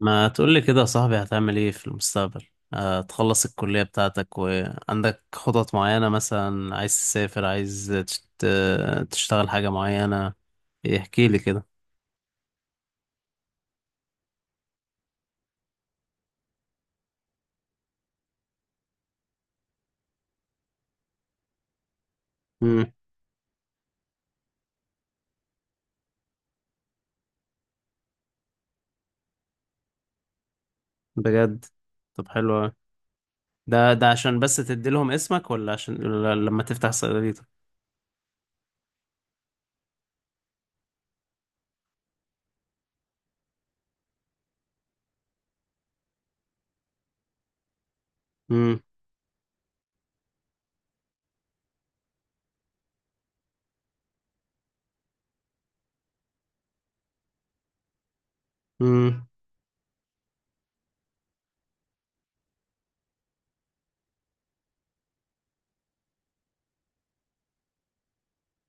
ما تقولي كده يا صاحبي، هتعمل ايه في المستقبل؟ تخلص الكلية بتاعتك وعندك خطط معينة، مثلا عايز تسافر، عايز تشتغل حاجة معينة. احكي لي كده. امم. بجد؟ طب حلو أوي. ده عشان بس تدي لهم اسمك، ولا لما تفتح صيدليتك؟ امم. امم.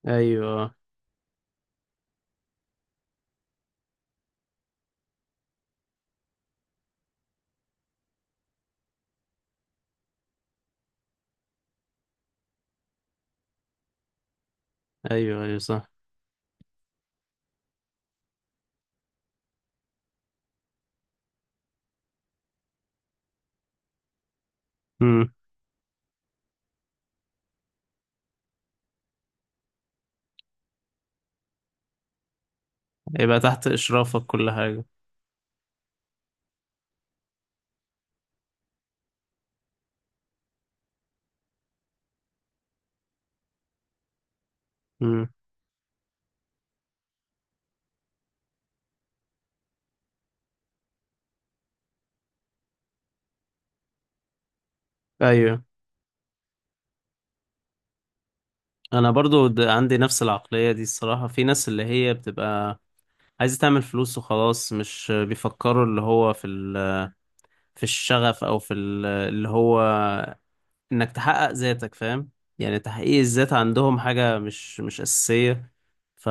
ايوه، ايوه، ايوه، صح. امم. يبقى تحت اشرافك كل حاجة. امم. ايوه. انا برضو عندي نفس العقلية دي الصراحة. في ناس اللي هي بتبقى عايز تعمل فلوس وخلاص، مش بيفكروا اللي هو في في الشغف، او في اللي هو انك تحقق ذاتك، فاهم؟ يعني تحقيق الذات عندهم حاجة مش أساسية. ف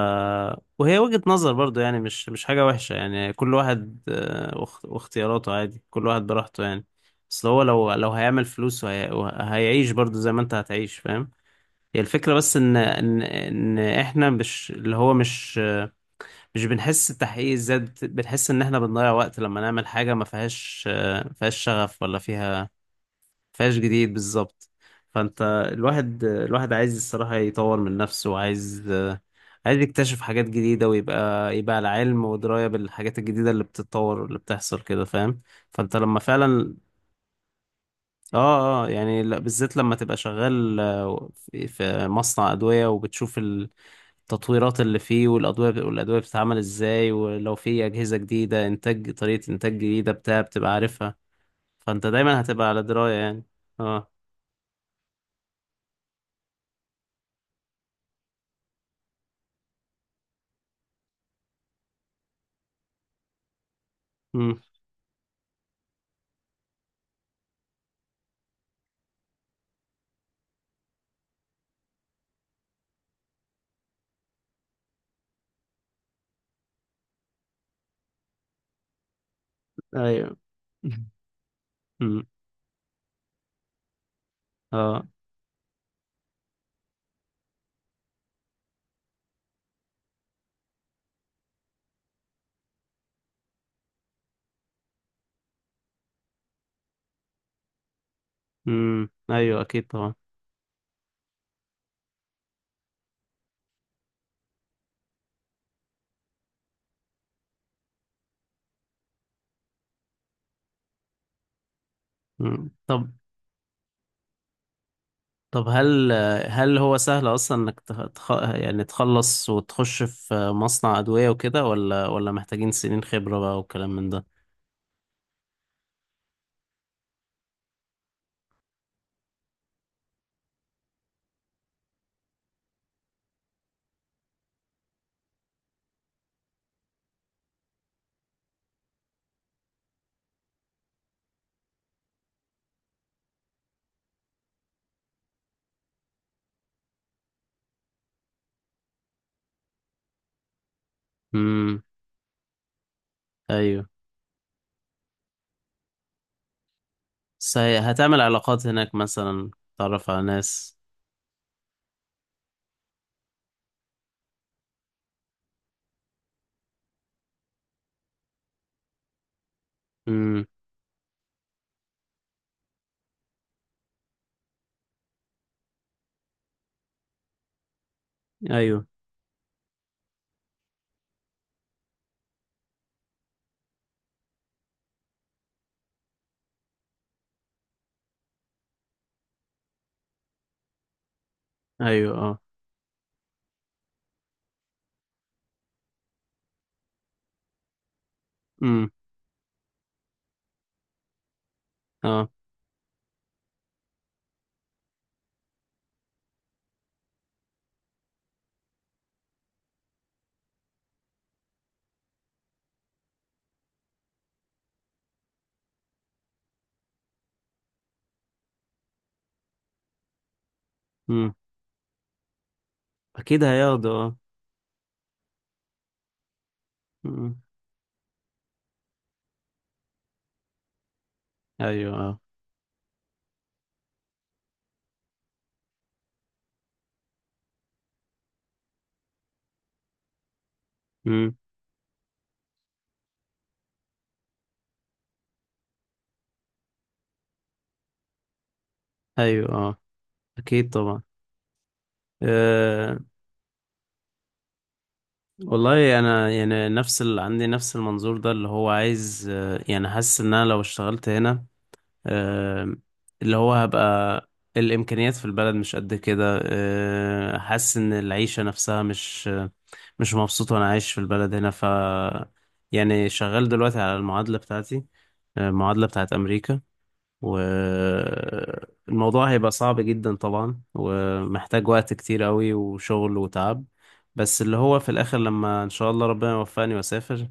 وهي وجهة نظر برضو، يعني مش حاجة وحشة، يعني كل واحد واختياراته عادي، كل واحد براحته يعني. بس هو لو هيعمل فلوس وهيعيش برضو زي ما انت هتعيش، فاهم؟ هي الفكرة بس ان احنا مش اللي هو مش بنحس بتحقيق الذات، بنحس ان احنا بنضيع وقت لما نعمل حاجة ما فيهاش فيهاش شغف، ولا فيهاش جديد بالظبط. فانت، الواحد عايز الصراحة يطور من نفسه، وعايز عايز يكتشف حاجات جديدة، ويبقى على علم ودراية بالحاجات الجديدة اللي بتتطور واللي بتحصل كده، فاهم؟ فانت لما فعلا. اه، اه، يعني بالذات لما تبقى شغال في مصنع أدوية، وبتشوف التطويرات اللي فيه، والأدوية بتتعمل إزاي، ولو في أجهزة جديدة، طريقة إنتاج جديدة، بتاع، بتبقى عارفها. فأنت دايما هتبقى على دراية يعني. اه. امم. أيوه. امم. اه. امم. أيوه، أكيد طبعا. امم. طب. طب هل هو سهل أصلا إنك يعني تخلص وتخش في مصنع أدوية وكده، ولا محتاجين سنين خبرة بقى والكلام من ده؟ امم. أيوه. هتعمل علاقات هناك مثلا، تتعرف على ناس. ايوه، ايوه. اه. امم. اه. امم. اكيد هياخدوا، اه. امم. ايوه، اه. امم. ايوه، اه، اكيد طبعا. أه، والله انا يعني نفس اللي عندي نفس المنظور ده، اللي هو عايز، يعني حاسس ان انا لو اشتغلت هنا، أه اللي هو هبقى، الامكانيات في البلد مش قد كده، حاسس ان العيشه نفسها مش، مش مبسوط وانا عايش في البلد هنا، ف، يعني شغال دلوقتي على المعادله بتاعتي، المعادلة بتاعت أمريكا. والموضوع هيبقى صعب جدا طبعا، ومحتاج وقت كتير قوي وشغل وتعب. بس اللي هو في الآخر، لما إن شاء الله ربنا يوفقني وأسافر،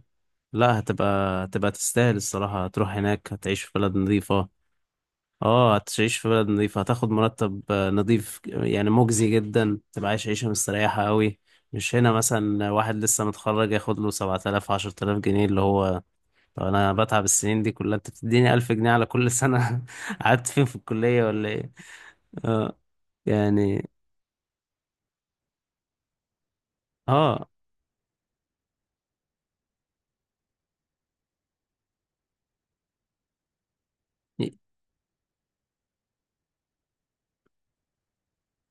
لا هتبقى تستاهل الصراحة. هتروح هناك، هتعيش في بلد نظيفة. اه، هتعيش في بلد نظيفة، هتاخد مرتب نظيف، يعني مجزي جدا، تبقى عايش عيشة مستريحة قوي. مش هنا مثلا واحد لسه متخرج ياخد له 7000، 10000 جنيه، اللي هو طب انا بتعب السنين دي كلها انت بتديني الف جنيه على كل سنة؟ قعدت فين، في الكلية ولا ايه؟ اه. يعني. اه.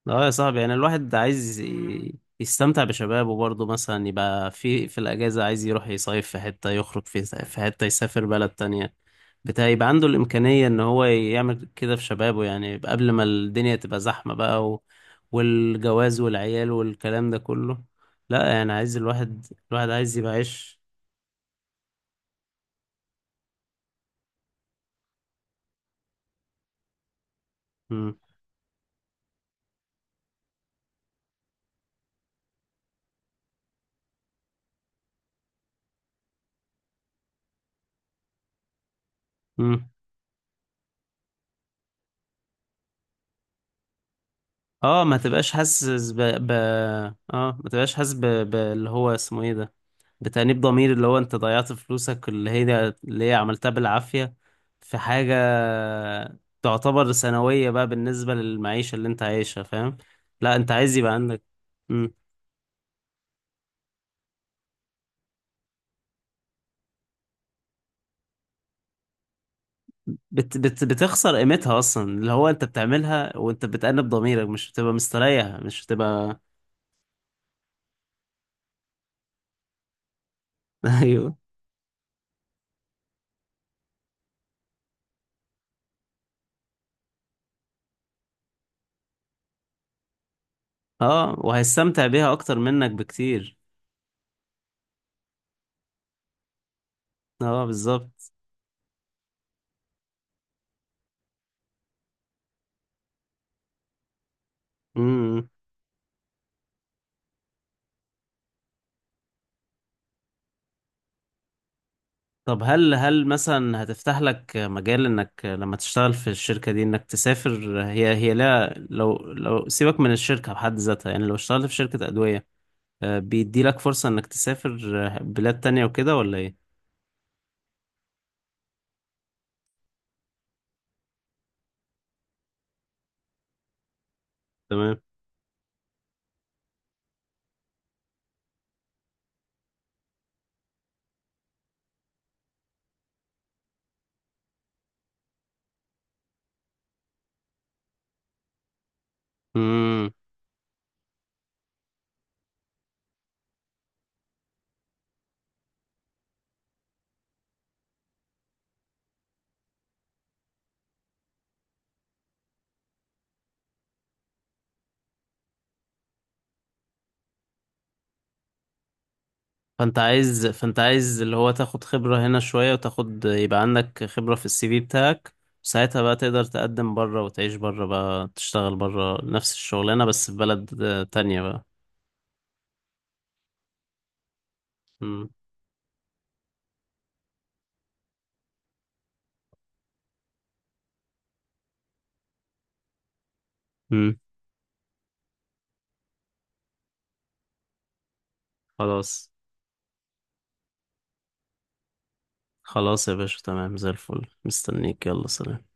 اه يا صاحبي، يعني الواحد عايز يستمتع بشبابه برضه، مثلا يبقى في الأجازة عايز يروح يصيف في حتة، يخرج في حتة، يسافر بلد تانية، بتاع، يبقى عنده الإمكانية إن هو يعمل كده في شبابه، يعني يبقى قبل ما الدنيا تبقى زحمة بقى، و، والجواز والعيال والكلام ده كله. لا يعني عايز الواحد، الواحد عايز يبقى عايش. مم. مم. اه ما تبقاش حاسس ب... ب... اه ما تبقاش حاسس اللي هو اسمه ايه ده، بتأنيب ضمير، اللي هو انت ضيعت فلوسك اللي هي عملتها بالعافية، في حاجة تعتبر ثانوية بقى بالنسبة للمعيشة اللي انت عايشها، فاهم؟ لا انت عايز يبقى عندك. مم. بتخسر قيمتها اصلا اللي هو انت بتعملها، وانت بتأنب ضميرك، مش بتبقى مستريح، مش بتبقى. ايوه. اه، وهيستمتع بيها اكتر منك بكتير. اه، بالظبط. طب هل مثلا هتفتح لك مجال انك لما تشتغل في الشركة دي انك تسافر، هي لا لو سيبك من الشركة بحد ذاتها، يعني لو اشتغلت في شركة أدوية، بيدي لك فرصة انك تسافر بلاد تانية وكده ولا ايه؟ تمام. امم. فانت عايز اللي هو تاخد خبرة هنا شوية، وتاخد يبقى عندك خبرة في السي في بتاعك. ساعتها بقى تقدر تقدم بره وتعيش بره بقى، تشتغل بره نفس الشغلانة، بس في بلد تانية بقى. امم. امم. خلاص، خلاص يا باشا، تمام زي الفل، مستنيك، يلا سلام.